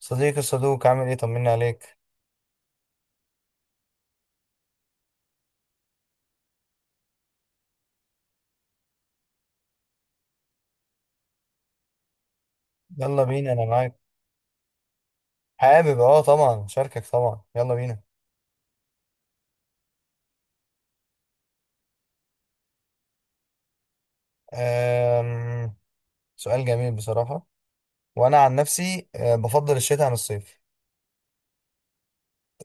صديقي الصدوق عامل ايه؟ طمني عليك. يلا بينا انا معاك. حابب طبعا شاركك، طبعا يلا بينا. أم... سؤال جميل بصراحة. وانا عن نفسي بفضل الشتاء عن الصيف.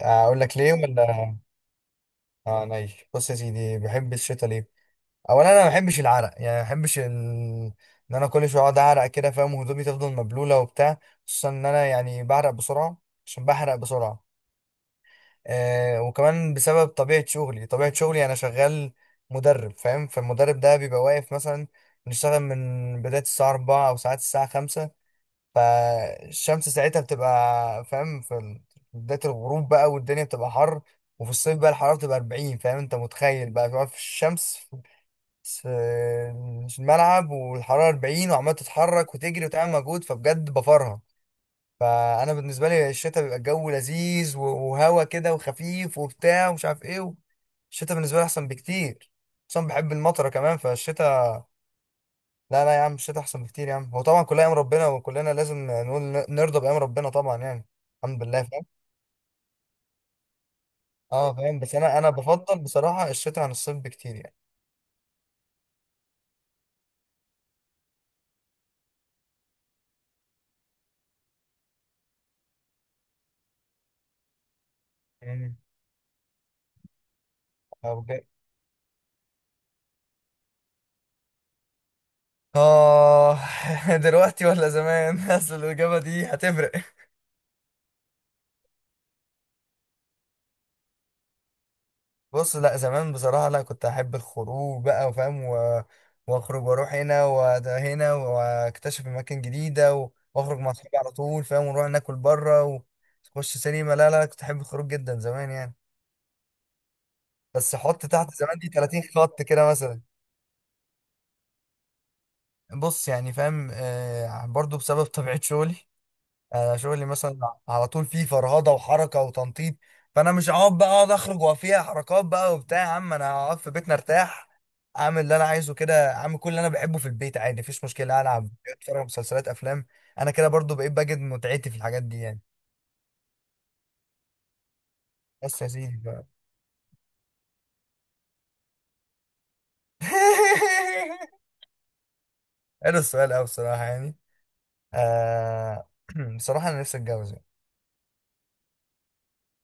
اقول لك ليه ولا؟ اه نايش. بص يا سيدي، بحب الشتاء ليه؟ اولا انا ما بحبش العرق، يعني ما بحبش ان انا كل شويه اقعد اعرق كده فاهم، وهدومي تفضل مبلوله وبتاع. خصوصا ان انا يعني بعرق بسرعه، عشان بحرق بسرعه. وكمان بسبب طبيعة شغلي. أنا شغال مدرب فاهم، فالمدرب ده بيبقى واقف مثلا. بنشتغل من بداية الساعة 4 أو ساعات الساعة 5. فالشمس ساعتها بتبقى فاهم بداية الغروب بقى، والدنيا بتبقى حر. وفي الصيف بقى الحرارة بتبقى 40، فاهم؟ أنت متخيل بقى بتقعد في الشمس في في الملعب والحرارة 40، وعمال تتحرك وتجري وتعمل مجهود، فبجد بفرها. فانا بالنسبه لي الشتاء بيبقى الجو لذيذ وهوا كده وخفيف وبتاع ومش عارف ايه. الشتاء بالنسبه لي احسن بكتير، اصلا بحب المطره كمان فالشتاء. لا لا يا عم، الشتاء احسن بكتير يا عم. هو طبعا كلها ايام ربنا، وكلنا لازم نقول نرضى بايام ربنا طبعا يعني. الحمد لله فاهم. اه فاهم، بس انا بفضل بصراحه الشتاء عن الصيف بكتير يعني. مم. اه بجد. آه، دلوقتي ولا زمان؟ اصل الاجابه دي هتفرق. بص لا، زمان بصراحة لا، كنت أحب الخروج بقى وفاهم وأخرج وأروح هنا وده هنا وأكتشف أماكن جديدة وأخرج مع أصحابي على طول فاهم، ونروح ناكل بره ونخش سينما. لا لا، كنت أحب الخروج جدا زمان يعني. بس حط تحت زمان دي 30 خط كده مثلا. بص يعني فاهم، برضو بسبب طبيعة شغلي. يعني انا شغلي مثلا على طول فيه فرهضه وحركه وتنطيط. فانا مش هقعد بقى اقعد اخرج وفيها حركات بقى وبتاع. يا عم انا هقعد في بيتنا ارتاح، اعمل اللي انا عايزه كده، اعمل كل اللي انا بحبه في البيت عادي، مفيش مشكله. العب، اتفرج على مسلسلات، افلام. انا كده برضو بقيت بجد متعتي في الحاجات دي يعني. بس يا سيدي بقى. حلو السؤال قوي بصراحه يعني. آه بصراحه انا نفسي اتجوز يعني.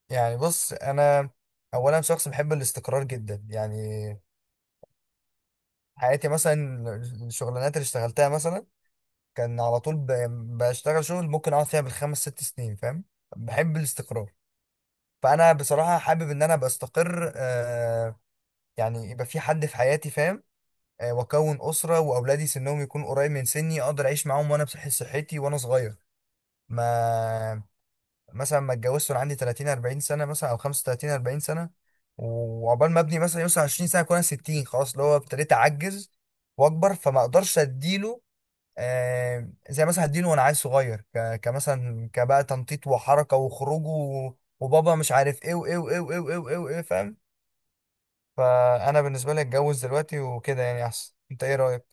يعني بص انا، اولا شخص بحب الاستقرار جدا يعني. حياتي مثلا، الشغلانات اللي اشتغلتها مثلا، كان على طول بشتغل شغل ممكن اقعد فيها بالخمس ست سنين فاهم. بحب الاستقرار. فانا بصراحة حابب ان انا ابقى استقر يعني يبقى في حد في حياتي فاهم. واكون اسرة، واولادي سنهم يكون قريب من سني، اقدر اعيش معاهم وانا بصحة صحتي وانا صغير. ما مثلا ما اتجوزت وانا عندي 30 40 سنة مثلا، او 35 40 سنة. وعقبال ما ابني مثلا يوصل 20 سنة اكون انا 60، خلاص اللي هو ابتديت اعجز واكبر، فما اقدرش اديله زي مثلا هديله وانا عيل صغير، كمثلا كبقى تنطيط وحركه وخروج وبابا مش عارف ايه وايه وايه وايه وايه وايه وايه فاهم. فانا بالنسبه لي اتجوز دلوقتي وكده يعني احسن. انت ايه رايك؟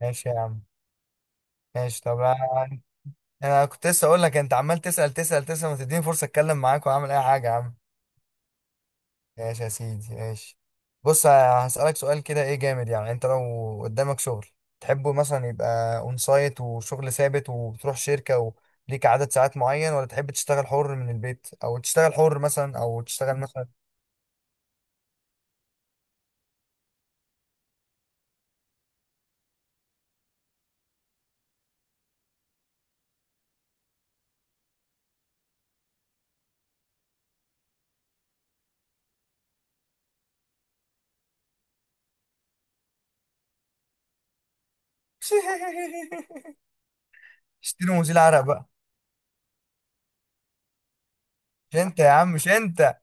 ماشي يا عم، ماشي طب انا. أنا كنت لسه اقول لك، انت عمال تسال تسال تسال، ما تديني فرصه اتكلم معاك واعمل اي حاجه يا عم. ماشي يا سيدي ماشي. بص هسألك سؤال كده ايه جامد يعني، انت لو قدامك شغل تحبه مثلا، يبقى اون سايت وشغل ثابت وبتروح شركة وليك عدد ساعات معين، ولا تحب تشتغل حر من البيت، او تشتغل حر مثلا، او تشتغل مثلا. اشتري مزيل عرق بقى. مش انت يا عم، مش انت.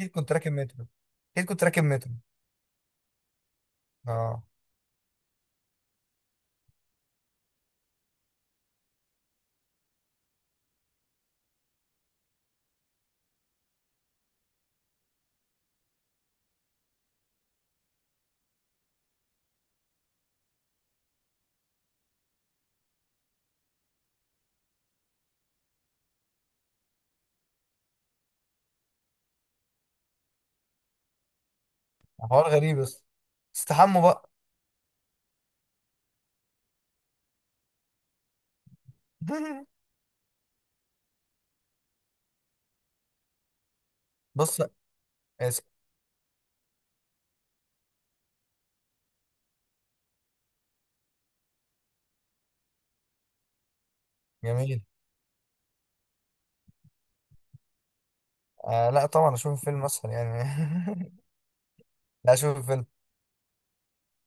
اكيد كنت راكب مترو. اكيد كنت راكب مترو. اه. حوار غريب بس، استحموا بقى. بص اسف. جميل. آه لا طبعا اشوف فيلم اسهل يعني. لا شوف انت،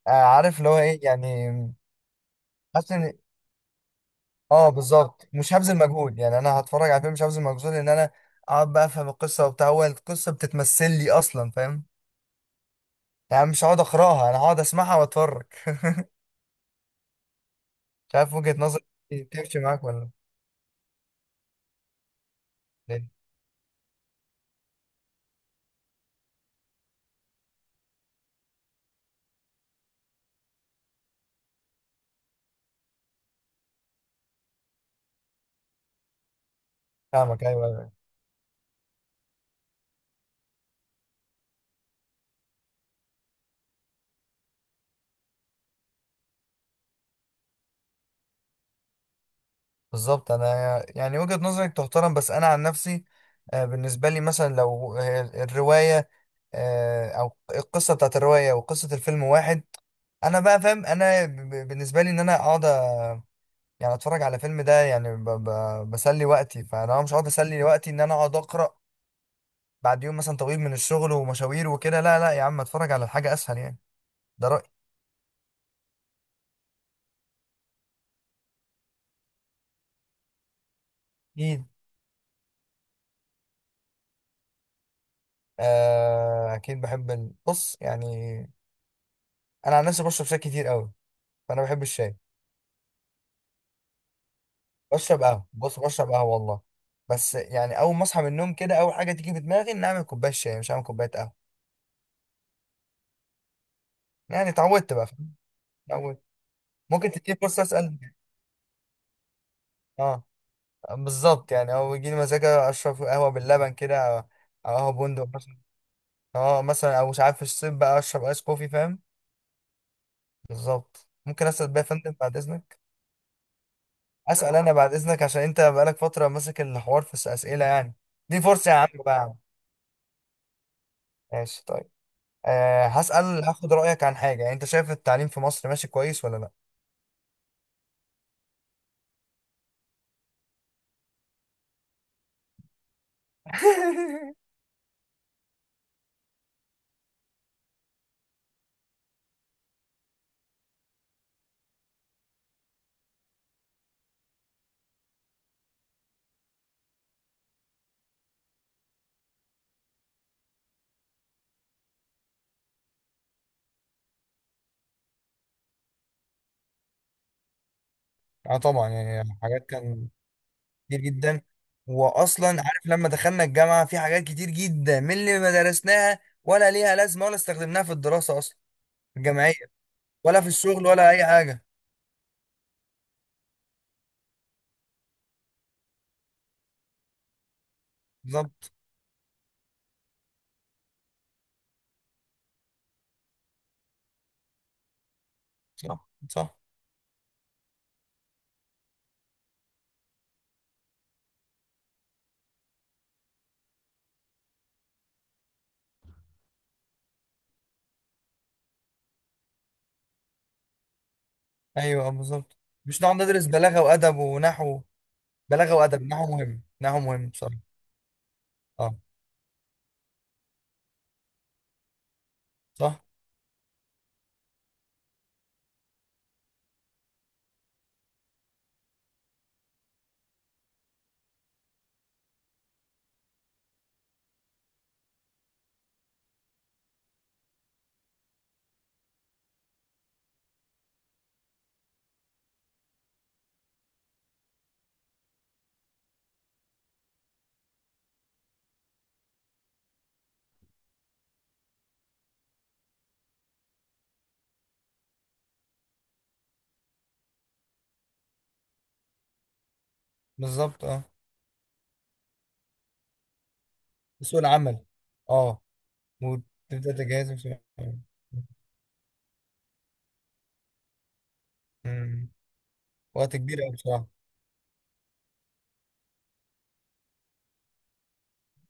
عارف اللي هو ايه يعني. حاسس ان اه بالظبط مش هبذل مجهود، يعني انا هتفرج على فيلم مش هبذل مجهود ان انا اقعد بقى افهم القصه وبتاع، هو القصه بتتمثل لي اصلا فاهم. يعني مش هقعد اقراها، انا هقعد اسمعها واتفرج. مش عارف وجهه نظرك، دي تمشي معاك ولا؟ ليه؟ فاهمك ايوه ايوه بالظبط. انا يعني وجهه نظرك تحترم، بس انا عن نفسي بالنسبه لي مثلا لو الروايه او القصه بتاعت الروايه وقصه الفيلم واحد، انا بقى فاهم انا بالنسبه لي ان انا اقعد يعني اتفرج على فيلم ده يعني بسلي وقتي. فانا مش هقعد اسلي وقتي ان انا اقعد اقرا بعد يوم مثلا طويل من الشغل ومشاوير وكده. لا لا يا عم، اتفرج على حاجه اسهل يعني. ده رايي. اكيد. آه اكيد بحب بص يعني، انا عن نفسي بشرب شاي كتير قوي، فانا بحب الشاي. بشرب قهوه، بص بشرب قهوه والله، بس يعني اول ما اصحى من النوم كده اول حاجه تيجي في دماغي ان اعمل كوبايه شاي، مش هعمل كوبايه قهوه. يعني اتعودت بقى فاهم؟ اتعودت. ممكن تديني فرصه اسال؟ اه بالظبط، يعني او يجي لي مزاج اشرب قهوه باللبن كده، او أو قهوه بندق مثلا. اه مثلا، او مش عارف في الصيف بقى اشرب ايس كوفي فاهم. بالظبط. ممكن اسال بقى يا فندم بعد اذنك؟ اسال انا بعد اذنك، عشان انت بقالك فتره ماسك الحوار في الاسئله يعني. دي فرصه يا عم بقى يا عم. ماشي طيب. أه هسال، هاخد رايك عن حاجه، يعني انت شايف التعليم في مصر ماشي كويس ولا لا؟ اه طبعا يعني حاجات كان كتير جدا. واصلا عارف لما دخلنا الجامعه، في حاجات كتير جدا من اللي ما درسناها ولا ليها لازمه ولا استخدمناها في الدراسه اصلا الجامعيه، ولا في الشغل ولا اي حاجه. بالظبط صح صح. ايوه بالظبط، مش نقعد ندرس بلاغه وادب ونحو. بلاغه وادب، نحو مهم، نحو مهم بصراحه. اه صح بالظبط. اه سوق العمل. اه، وتبدا تجهز مم. وقت كبير قوي بصراحه.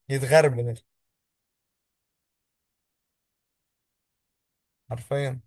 يتغرب ده حرفيا.